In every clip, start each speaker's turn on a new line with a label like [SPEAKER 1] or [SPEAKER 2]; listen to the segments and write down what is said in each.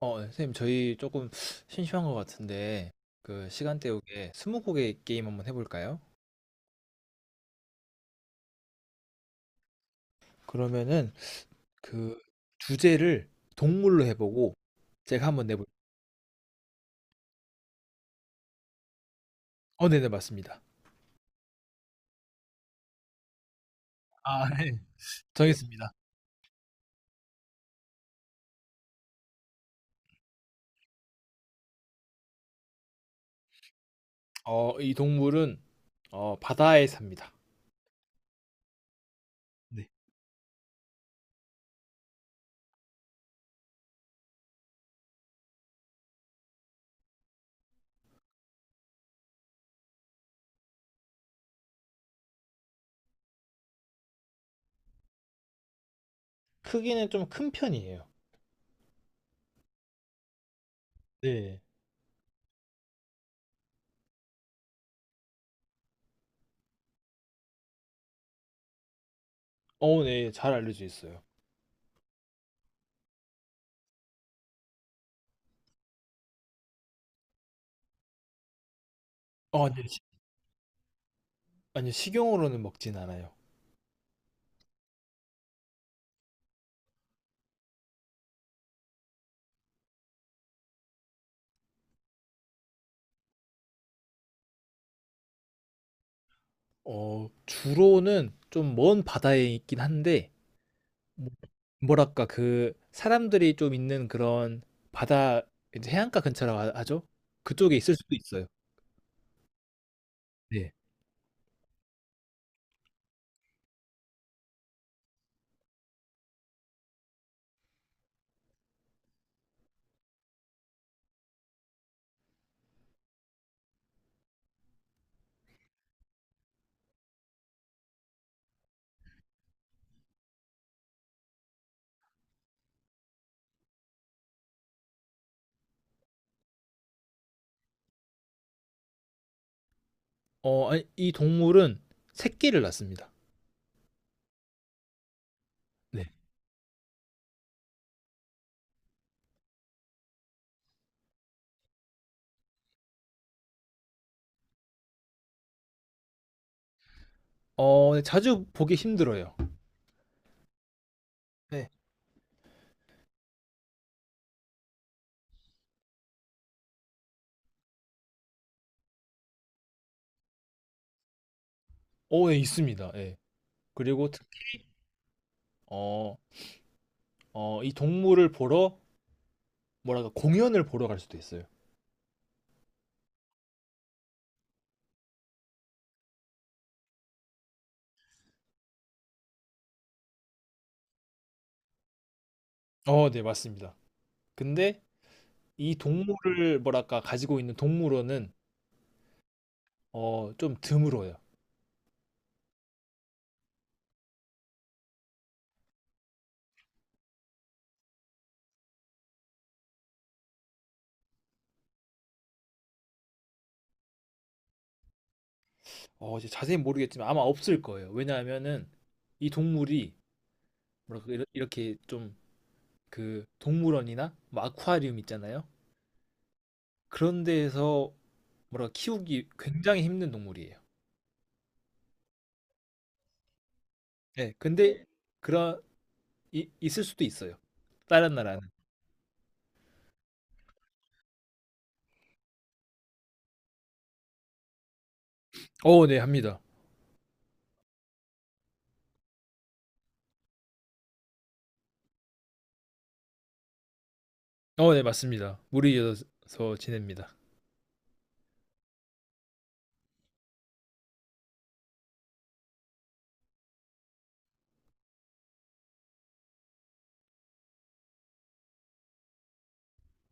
[SPEAKER 1] 네, 선생님, 저희 조금 심심한 것 같은데, 시간 때우기에 스무고개 게임 한번 해볼까요? 그러면은, 그, 주제를 동물로 해보고, 제가 한번 내볼, 네네, 맞습니다. 아, 네. 정했습니다. 이 동물은, 바다에 삽니다. 네. 크기는 좀 큰 편이에요. 네. 네, 잘 알려져 있어요. 아니요, 아니요, 식용으로는 먹진 않아요. 주로는 좀 먼 바다에 있긴 한데, 뭐- 뭐랄까 그 사람들이 좀 있는 그런 바다 이제 해안가 근처라고 하죠? 그쪽에 있을 수도 있어요. 네. 아니, 이 동물은 새끼를 낳습니다. 네. 네, 자주 보기 힘들어요. 네. 예, 있습니다. 예. 그리고 어, 이 동물을 보러 뭐랄까 공연을 보러 갈 수도 있어요. 네, 맞습니다. 근데 이 동물을 뭐랄까 가지고 있는 동물원은 좀 드물어요. 이제 자세히 모르겠지만 아마 없을 거예요. 왜냐하면은 이 동물이 뭐랄까 이렇게 좀 그 동물원이나 뭐 아쿠아리움 있잖아요. 그런 데에서 뭐랄까 키우기 굉장히 힘든 동물이에요. 네, 근데 그런 있을 수도 있어요. 다른 나라는. 네, 합니다. 네, 맞습니다. 물이 이어서 지냅니다.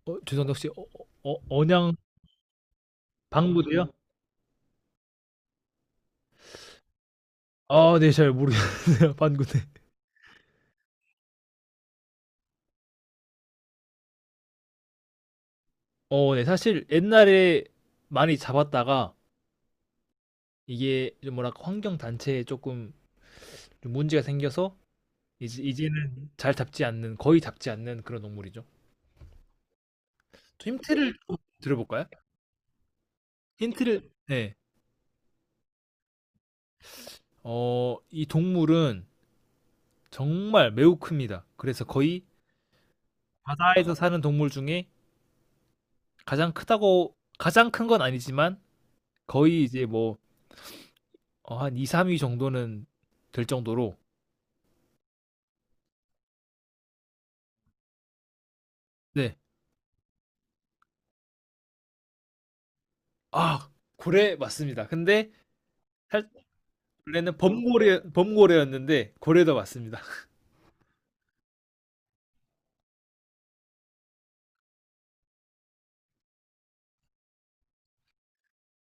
[SPEAKER 1] 죄송한데 혹시 언양 방구대요? 아, 네, 잘 모르겠네요. 방구대. 네, 사실 옛날에 많이 잡았다가 이게 좀 뭐랄까 환경 단체에 조금 좀 문제가 생겨서 이제는 잘 잡지 않는 거의 잡지 않는 그런 동물이죠. 좀 힌트를 좀 드려 볼까요? 힌트를 네. 이 동물은 정말 매우 큽니다. 그래서 거의 바다에서 사는 동물 중에 가장 크다고 가장 큰 건 아니지만 거의 이제 뭐 한 2-3위 정도는 될 정도로. 네. 아 고래 맞습니다. 근데 살 원래는 범고래였는데 고래도 맞습니다.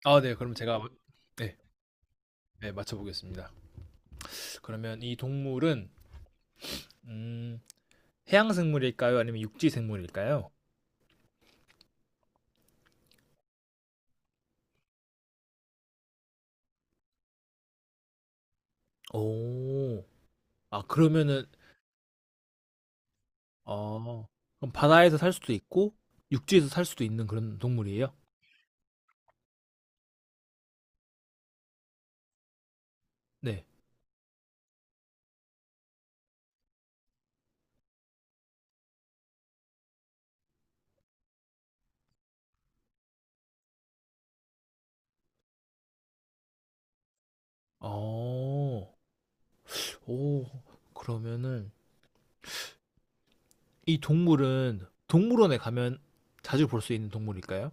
[SPEAKER 1] 네. 그럼 제가 네. 네 맞춰 보겠습니다. 그러면 이 동물은 음 해양 생물일까요? 아니면 육지 생물일까요? 오. 아 그러면은 어 그럼 바다에서 살 수도 있고 육지에서 살 수도 있는 그런 동물이에요? 네. 어. 오. 그러면은 이 동물은 동물원에 가면 자주 볼 수 있는 동물일까요?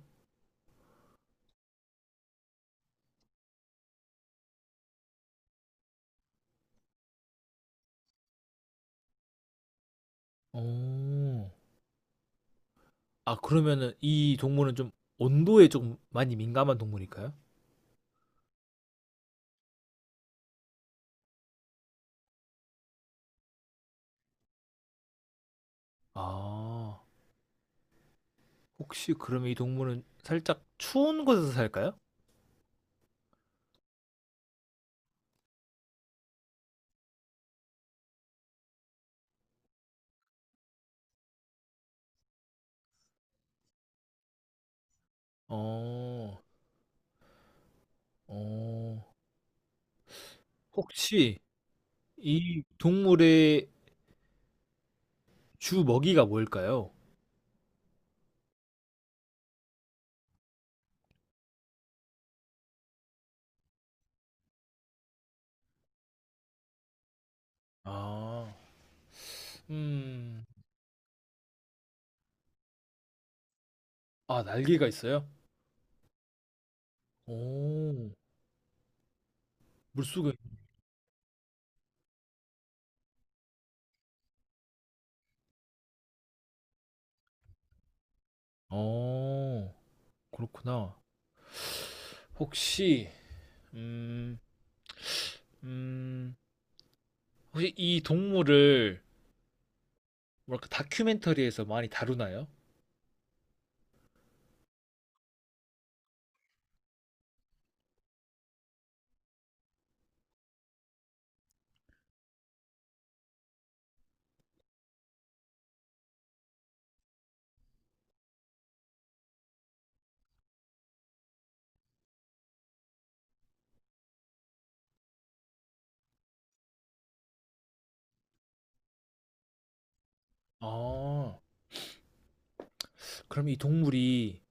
[SPEAKER 1] 오. 아 그러면은 이 동물은 좀 온도에 좀 많이 민감한 동물일까요? 아. 혹시 그러면 이 동물은 살짝 추운 곳에서 살까요? 어, 어, 혹시 이 동물의 주 먹이가 뭘까요? 아, 음, 아, 날개가 있어요? 오, 물속에, 어, 그렇구나. 혹시, 음, 음, 혹시 이 동물을 뭐랄까 다큐멘터리에서 많이 다루나요? 아, 그럼 이 동물이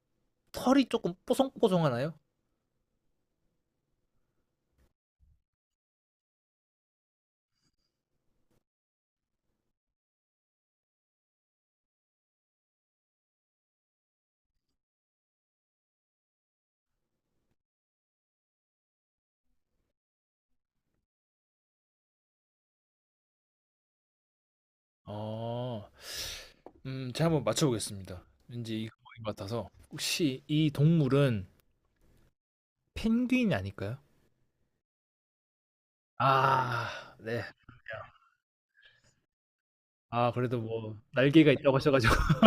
[SPEAKER 1] 털이 조금 뽀송뽀송하나요? 아, 제가 한번 맞춰보겠습니다. 왠지 이거인 같아서. 혹시 이 동물은 펭귄이 아닐까요? 아, 네. 아, 그래도 뭐 날개가 있다고 하셔가지고.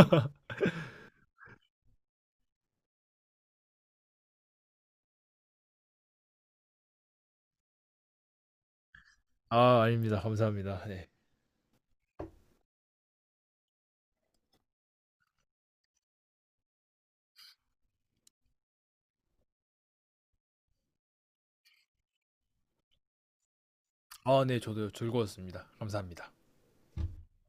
[SPEAKER 1] 아, 아닙니다. 감사합니다. 네. 아, 네, 저도 즐거웠습니다. 감사합니다.